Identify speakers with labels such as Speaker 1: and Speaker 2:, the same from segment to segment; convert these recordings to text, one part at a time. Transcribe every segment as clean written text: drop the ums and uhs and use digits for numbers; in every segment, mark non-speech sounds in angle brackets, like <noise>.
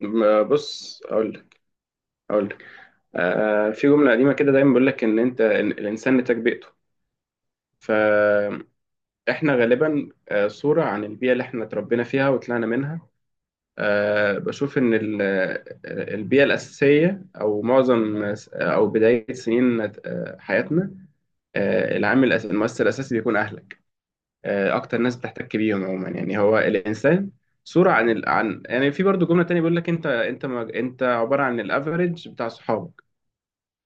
Speaker 1: بص، اقول لك. في جمله قديمه كده دايما بيقول لك ان انت إن الانسان نتاج بيئته. فاحنا غالبا صوره عن البيئه اللي احنا اتربينا فيها وطلعنا منها. بشوف ان البيئه الاساسيه، او معظم، او بدايه سنين حياتنا، العامل المؤثر الاساسي بيكون اهلك. اكتر ناس بتحتك بيهم عموما، يعني هو الانسان صورة عن يعني في برضو جملة تانية بيقول لك انت انت ما... انت عبارة عن الافريج بتاع صحابك.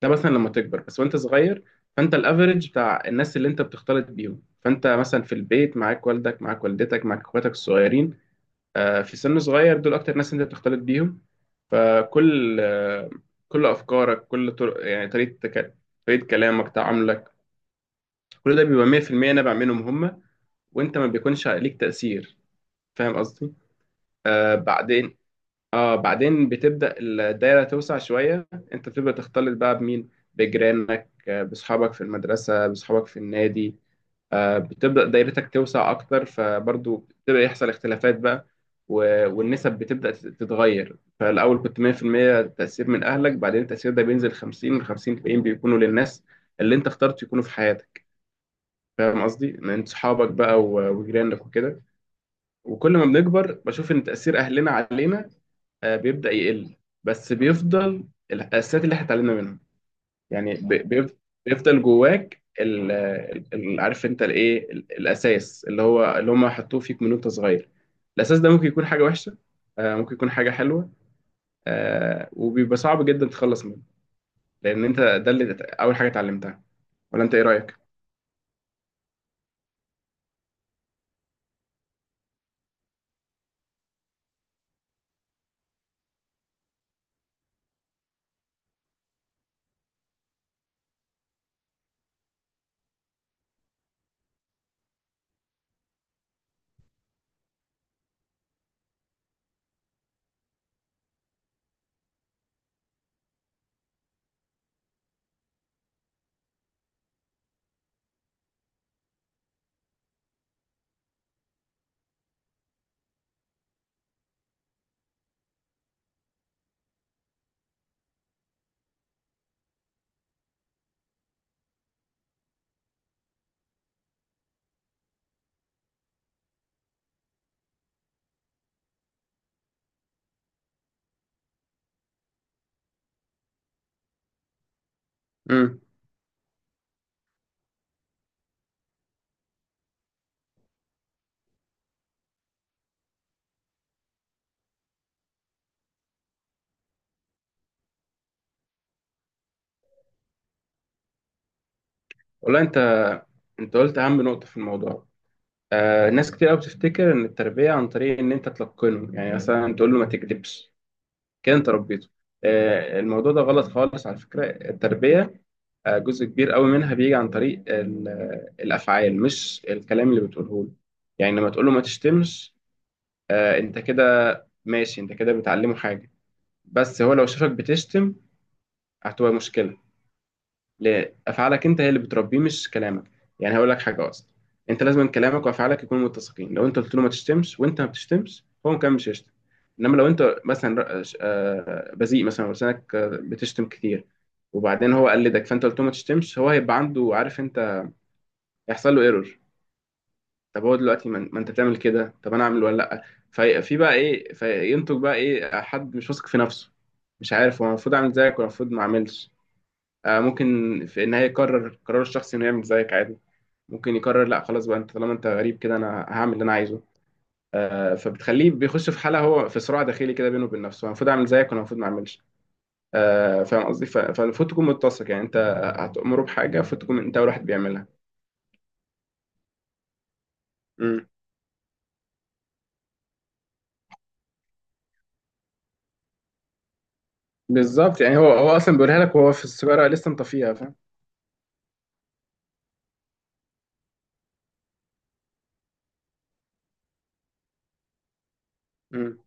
Speaker 1: ده مثلا لما تكبر، بس وانت صغير فانت الافريج بتاع الناس اللي انت بتختلط بيهم. فانت مثلا في البيت معاك والدك، معاك والدتك، معاك اخواتك الصغيرين، في سن صغير دول اكتر ناس انت بتختلط بيهم. فكل آه، كل افكارك، كل طرق، يعني طريقه كلامك، تعاملك، كل ده بيبقى 100% نابع منهم هم، وانت ما بيكونش عليك تاثير. فاهم قصدي؟ آه بعدين اه بعدين بتبدأ الدايرة توسع شوية. انت بتبدأ تختلط بقى بمين؟ بجيرانك، بصحابك في المدرسة، بصحابك في النادي. بتبدأ دايرتك توسع اكتر، فبرضو بتبدأ يحصل اختلافات بقى. والنسب بتبدأ تتغير. فالأول كنت 100% تأثير من أهلك، بعدين التأثير ده بينزل 50 من 50، الباقيين بيكونوا للناس اللي انت اخترت يكونوا في حياتك. فاهم قصدي؟ من صحابك بقى وجيرانك وكده. وكل ما بنكبر بشوف ان تأثير أهلنا علينا بيبدأ يقل، بس بيفضل الأساسيات اللي احنا اتعلمنا منها، يعني بيفضل جواك، عارف انت الايه، الأساس اللي هو اللي هم حطوه فيك من وانت صغير. الأساس ده ممكن يكون حاجة وحشة، ممكن يكون حاجة حلوة، وبيبقى صعب جدا تتخلص منه، لأن انت ده اللي أول حاجة اتعلمتها. ولا انت ايه رأيك؟ امم والله انت قلت اهم نقطه في الموضوع. ناس كتير قوي بتفتكر ان التربيه عن طريق ان انت تلقنه، يعني مثلا تقول له ما تكذبش، كده انت ربيته. الموضوع ده غلط خالص على فكرة. التربية جزء كبير قوي منها بيجي عن طريق الأفعال، مش الكلام اللي بتقوله له. يعني لما تقول له ما تشتمش، انت كده ماشي، انت كده بتعلمه حاجة. بس هو لو شافك بتشتم، هتبقى مشكلة. لافعالك انت هي اللي بتربيه، مش كلامك. يعني هقول لك حاجه اصلا، انت لازم كلامك وافعالك يكونوا متسقين. لو انت قلت له ما تشتمش وانت ما بتشتمش، هو كمان مش هيشتم. انما لو انت مثلا بذيء مثلا، ولسانك بتشتم كتير، وبعدين هو قلدك، فانت قلت له ما تشتمش، هو هيبقى عنده عارف انت، هيحصل له ايرور. طب هو دلوقتي ما انت بتعمل كده، طب انا اعمل ولا لا؟ في بقى ايه، فينتج بقى ايه، حد مش واثق في نفسه، مش عارف هو المفروض اعمل زيك ولا المفروض ما اعملش. ممكن في النهاية يقرر قرار الشخص إنه يعمل زيك عادي، ممكن يقرر لا خلاص بقى، أنت طالما أنت غريب كده أنا هعمل اللي أنا عايزه. فبتخليه بيخش في حالة هو في صراع داخلي كده بينه وبين نفسه، أنا المفروض أعمل زيك وأنا المفروض ما أعملش. فاهم قصدي؟ فالمفروض تكون متسق، يعني أنت هتأمره بحاجة المفروض تكون أنت أول واحد بيعملها. مم. بالظبط، يعني هو أصلا بيقولها لك وهو في السيجارة لسه مطفيها، فاهم؟ مم.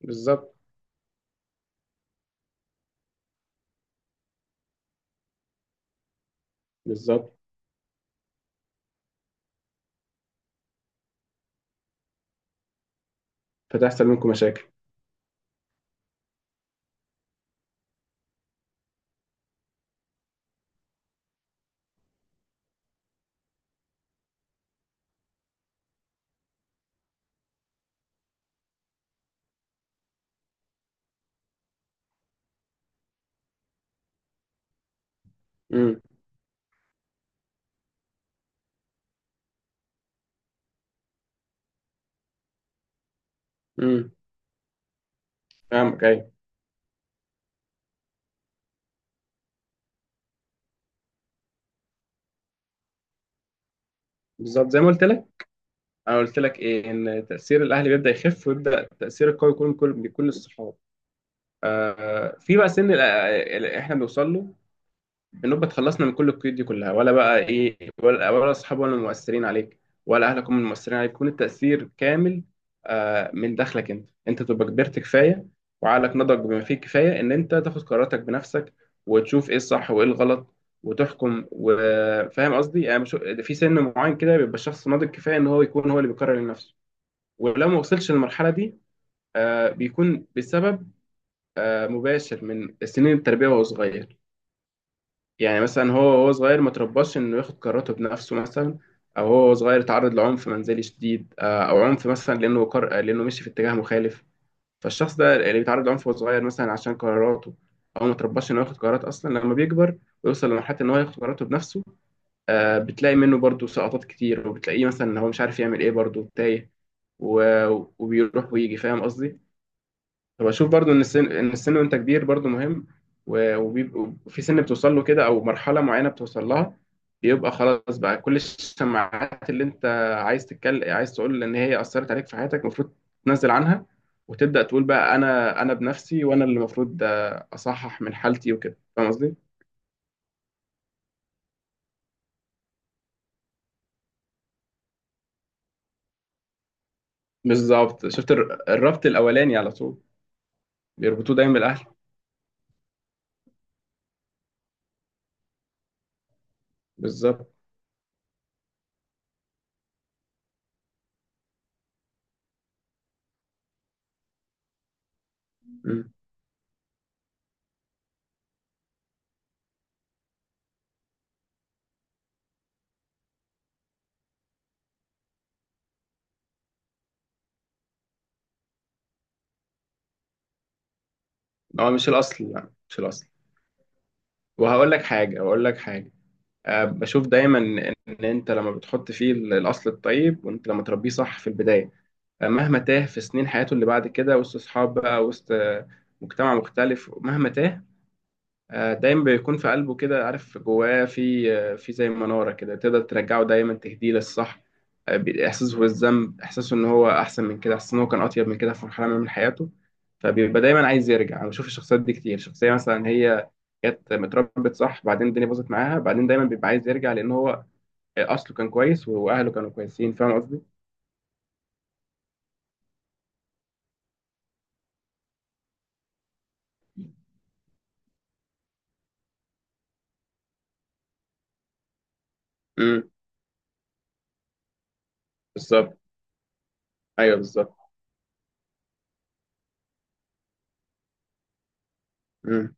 Speaker 1: بالظبط، بالظبط، فتحصل منكم مشاكل. مم. مم. فاهمك، أيوه. بالظبط زي ما قلت لك، انا قلت لك ايه، ان تاثير الاهل بيبدا يخف ويبدا التاثير القوي يكون من كل، من كل الصحاب. في بقى سن احنا بنوصل له، بنبقى اتخلصنا من كل القيود دي كلها، ولا بقى ايه، ولا اصحاب ولا المؤثرين عليك، ولا اهلك هم المؤثرين عليك، يكون التاثير كامل من داخلك. انت تبقى كبرت كفايه، وعقلك نضج بما فيه الكفايه ان انت تاخد قراراتك بنفسك، وتشوف ايه الصح وايه الغلط وتحكم. وفاهم قصدي؟ يعني في سن معين كده بيبقى الشخص ناضج كفايه ان هو يكون هو اللي بيقرر لنفسه. ولو ما وصلش للمرحلة دي، بيكون بسبب مباشر من سنين التربية وهو صغير. يعني مثلا هو وهو صغير ما ترباش إنه ياخد قراراته بنفسه مثلا، أو هو وهو صغير اتعرض لعنف منزلي شديد، أو عنف مثلا لأنه قر... آه، لأنه مشي في اتجاه مخالف. فالشخص ده اللي بيتعرض لعنف وهو صغير مثلا عشان قراراته، أو ما ترباش إنه ياخد قرارات أصلا، لما بيكبر ويوصل لمرحلة إن هو ياخد قراراته بنفسه، بتلاقي منه برضه سقطات كتير، وبتلاقيه مثلا إن هو مش عارف يعمل إيه، برضه تايه و... وبيروح ويجي. فاهم قصدي؟ وبشوف برضو ان السن، ان السن وانت كبير برضو مهم. وبيبقوا في سن بتوصل له كده، او مرحله معينه بتوصل لها، بيبقى خلاص بقى كل الشماعات اللي انت عايز تتكلم، عايز تقول ان هي اثرت عليك في حياتك، المفروض تنزل عنها وتبدا تقول بقى انا، بنفسي وانا اللي المفروض اصحح من حالتي وكده. فاهم قصدي؟ بالظبط، شفت الربط الاولاني على طول، بيربطوه دايما بالاهل. بالظبط. مم. هو مش الاصل، لا مش الاصل. وهقول لك حاجه. بشوف دايما ان انت لما بتحط فيه الاصل الطيب، وانت لما تربيه صح في البدايه، مهما تاه في سنين حياته اللي بعد كده وسط اصحاب بقى، وسط مجتمع مختلف، مهما تاه، دايما بيكون في قلبه كده، عارف جواه في، في زي مناره كده تقدر ترجعه دايما تهديه للصح. احساسه بالذنب، احساسه ان هو احسن من كده، احساسه ان هو كان اطيب من كده في مرحله ما من حياته، فبيبقى دايما عايز يرجع. انا بشوف الشخصيات دي كتير، شخصيه مثلا هي جت متربت صح، بعدين الدنيا باظت معاها، بعدين دايما بيبقى عايز يرجع لان هو اصله كان كويس واهله كانوا كويسين. فاهم قصدي؟ امم. بالظبط. ايوه، بالظبط. امم.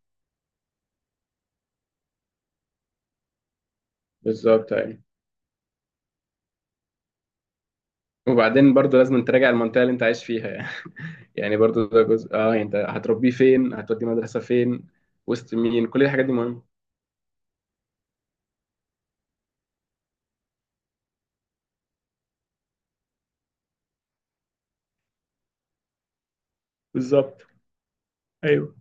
Speaker 1: بالظبط، ايوه. وبعدين برضه لازم تراجع المنطقه اللي انت عايش فيها يعني. <laughs> يعني برضه ده جزء، يعني انت هتربيه فين، هتوديه مدرسه فين، وسط مين، كل الحاجات دي مهمه. بالظبط. ايوه،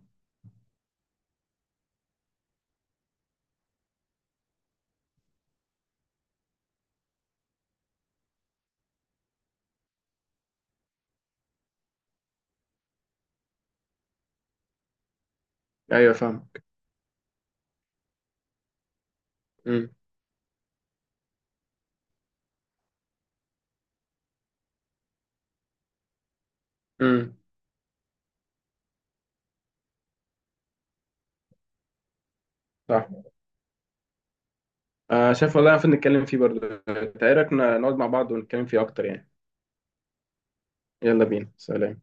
Speaker 1: ايوه. فاهم. امم. امم. صح. شايف، والله المفروض نتكلم فيه برضه. انت ايه رايك؟ نقعد مع بعض ونتكلم فيه اكتر يعني. يلا بينا، سلام.